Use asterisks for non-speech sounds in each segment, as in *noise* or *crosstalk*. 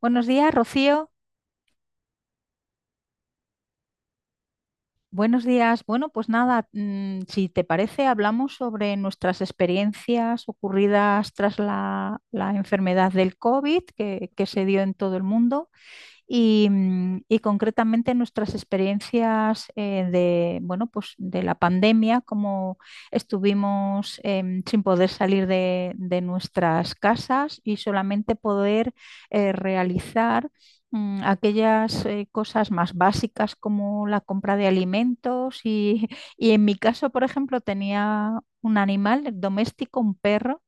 Buenos días, Rocío. Buenos días. Bueno, pues nada, si te parece, hablamos sobre nuestras experiencias ocurridas tras la enfermedad del COVID que se dio en todo el mundo. Y y concretamente nuestras experiencias de, bueno, pues de la pandemia, como estuvimos sin poder salir de nuestras casas y solamente poder realizar aquellas cosas más básicas como la compra de alimentos y, *laughs* y, en mi caso, por ejemplo, tenía un animal doméstico, un perro,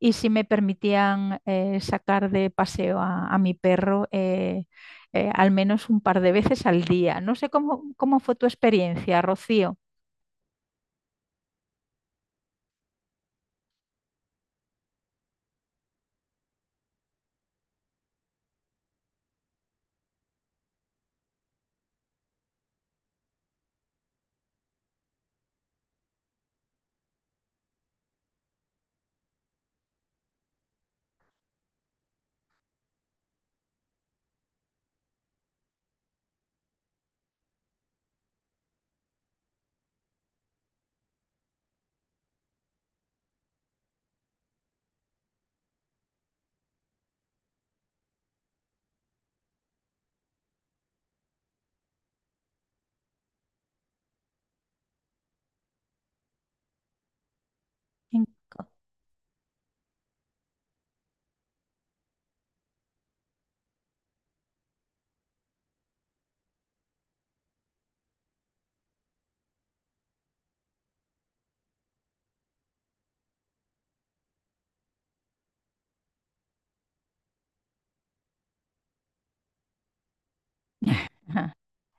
y si me permitían sacar de paseo a mi perro, al menos un par de veces al día. No sé cómo fue tu experiencia, Rocío. En-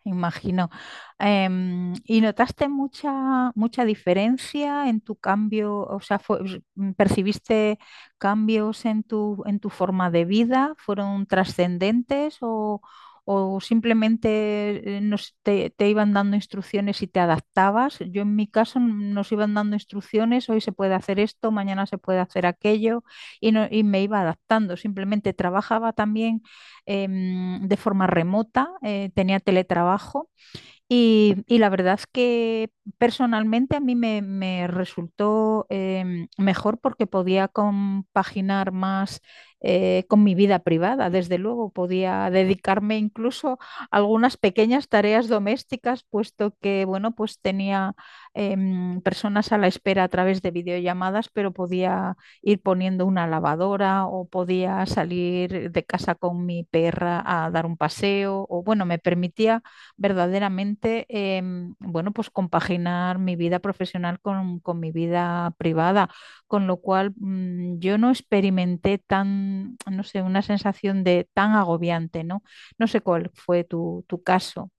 Imagino. ¿Y notaste mucha diferencia en tu cambio? O sea, ¿percibiste cambios en tu forma de vida? ¿Fueron trascendentes o simplemente te iban dando instrucciones y te adaptabas? Yo en mi caso, nos iban dando instrucciones, hoy se puede hacer esto, mañana se puede hacer aquello y, y me iba adaptando. Simplemente trabajaba también eh, de forma remota, tenía teletrabajo y la verdad es que personalmente a mí me resultó, mejor porque podía compaginar más con mi vida privada. Desde luego, podía dedicarme incluso a algunas pequeñas tareas domésticas, puesto que, bueno, pues tenía, personas a la espera a través de videollamadas, pero podía ir poniendo una lavadora o podía salir de casa con mi perra a dar un paseo o, bueno, me permitía verdaderamente, bueno, pues compaginar mi vida profesional con mi vida privada, con lo cual, yo no experimenté tan, no sé, una sensación de tan agobiante, ¿no? No sé cuál fue tu caso.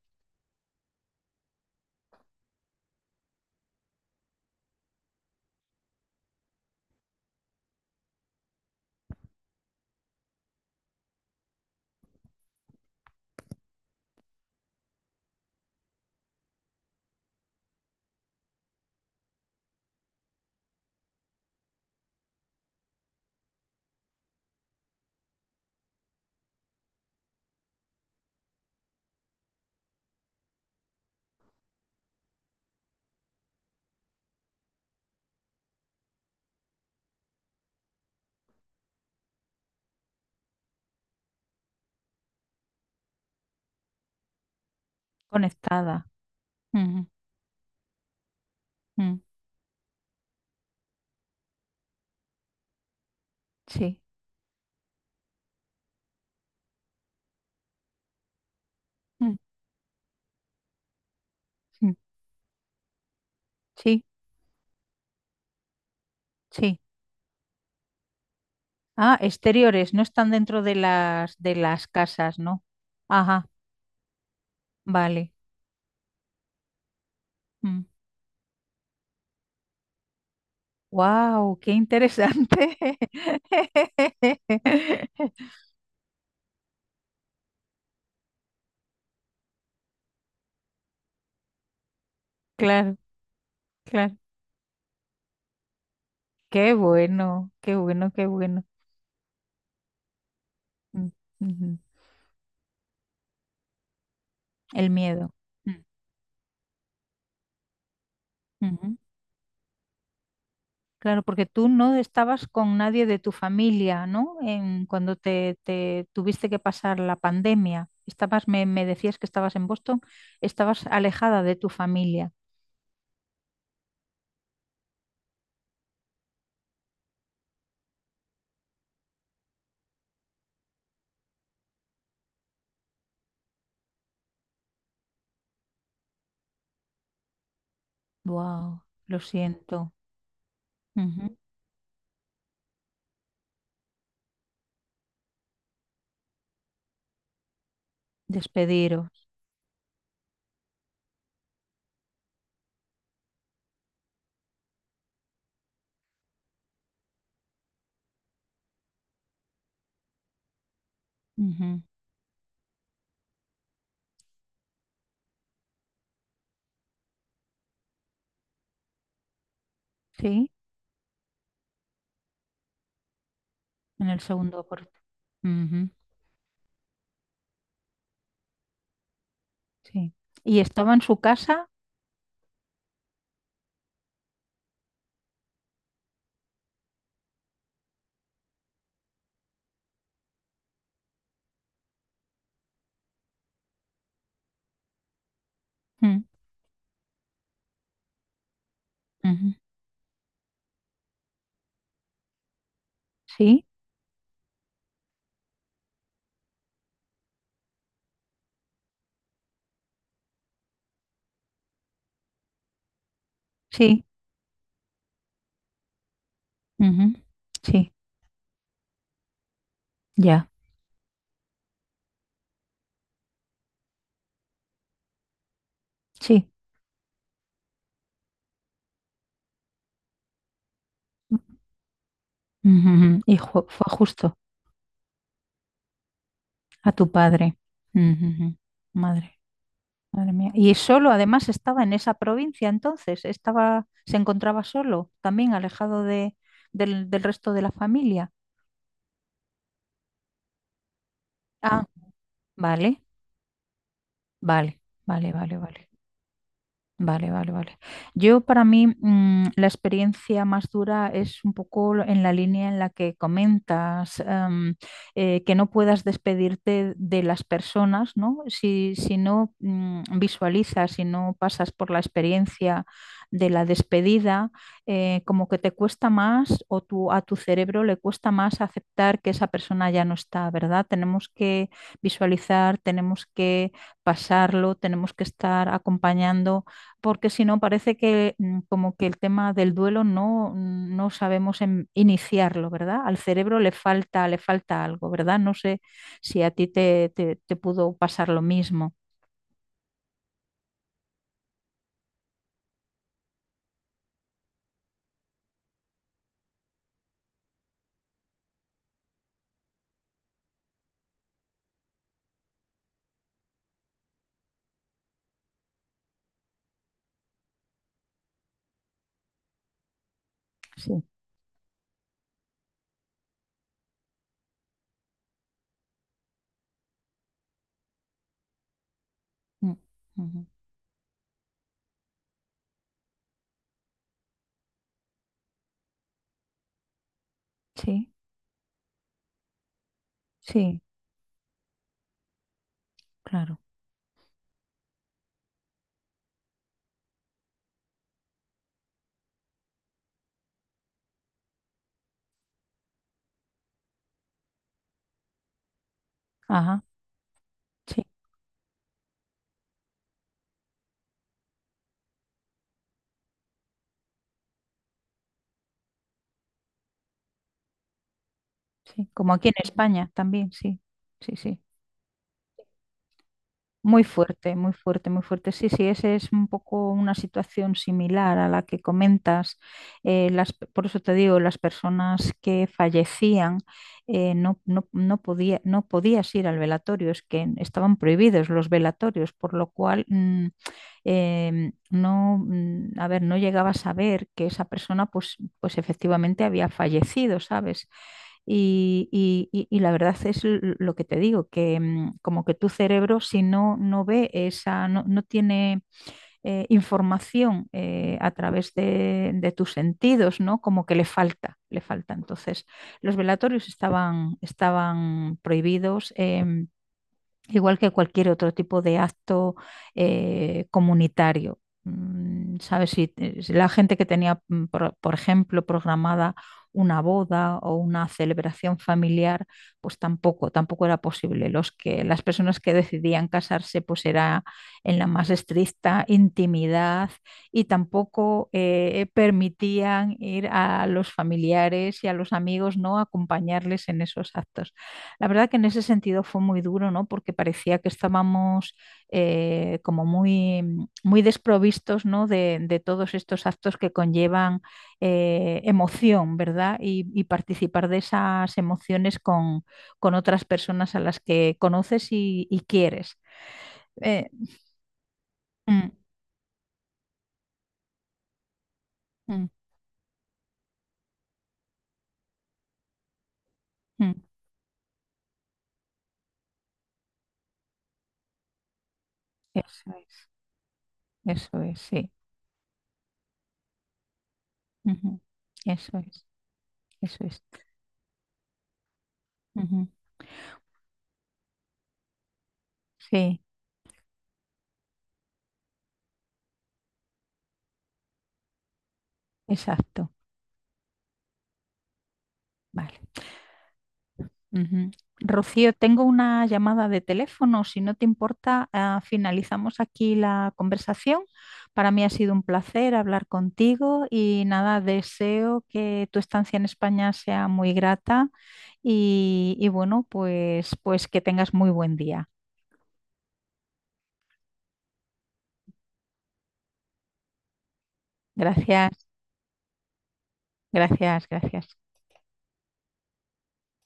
Conectada. Ujú, ujú, sí, mm, mm, sí, sí. Ah, exteriores, no están dentro de las casas, ¿no? Ajá, vale. Wow, qué interesante. *laughs* Claro, claro. Qué bueno, qué bueno, qué bueno. Mm, ujú. El miedo. Mm, ujú. Claro, porque tú no estabas con nadie de tu familia, ¿no? En, cuando te tuviste que pasar la pandemia. Estabas, me decías que estabas en Boston, estabas alejada de tu familia. Wow, lo siento. Ujú. Despediros. Ujú. Sí, en el segundo aporte. Ujú, sí. ¿Y estaba en su casa? Mm, ujú. Sí, sí. Ujú, sí, ya, sí. Ujujú, fue justo a tu padre. Ujujú, madre, madre mía. Y solo, además, estaba en esa provincia entonces, estaba, se encontraba solo, también alejado de, del, del resto de la familia. Ah, vale, vale, vale, vale, vale. Vale, vale, vale. Yo para mí, la experiencia más dura es un poco en la línea en la que comentas, que no puedas despedirte de las personas, ¿no? Si, si no, visualizas, si no pasas por la experiencia de la despedida, como que te cuesta más o tu, a tu cerebro le cuesta más aceptar que esa persona ya no está, ¿verdad? Tenemos que visualizar, tenemos que pasarlo, tenemos que estar acompañando porque si no parece que, como que el tema del duelo no, no sabemos iniciarlo, ¿verdad? Al cerebro le falta algo, ¿verdad? No sé si a ti te, te pudo pasar lo mismo. Sí. Mm, ujú. Sí, sí, claro. Ajá, sí, sí. Como aquí en España también, sí, sí, sí. Muy fuerte, muy fuerte, muy fuerte. Sí, sí, esa es un poco una situación similar a la que comentas. Las, por eso te digo, las personas que fallecían no, no, no podía, no podías ir al velatorio, es que estaban prohibidos los velatorios, por lo cual, no, mm, a ver, no llegaba a saber que esa persona pues, pues efectivamente había fallecido, ¿sabes? Y, y la verdad es lo que te digo, que, como que tu cerebro si no, no ve esa, no, no tiene información a través de tus sentidos, ¿no? Como que le falta, le falta. Entonces, los velatorios estaban prohibidos. Igual que cualquier otro tipo de acto comunitario. Mm, ¿sabes? Si, si la gente que tenía, por ejemplo, programada una boda o una celebración familiar, pues tampoco, tampoco era posible. Los que, las personas que decidían casarse, pues era en la más estricta intimidad y tampoco permitían ir a los familiares y a los amigos, ¿no? Acompañarles en esos actos. La verdad que en ese sentido fue muy duro, ¿no? Porque parecía que estábamos como muy, muy desprovistos, ¿no? De todos estos actos que conllevan emoción, ¿verdad? Y participar de esas emociones con otras personas a las que conoces y quieres. Eh, mm, mm, mm. Eso es, eso es, sí. Ujú. Eso es, eso es. Ujú. Sí, exacto. Vale. Ujú. Rocío, tengo una llamada de teléfono. Si no te importa, ah, finalizamos aquí la conversación. Para mí ha sido un placer hablar contigo y nada, deseo que tu estancia en España sea muy grata y bueno, pues, pues que tengas muy buen día. Gracias, gracias, gracias.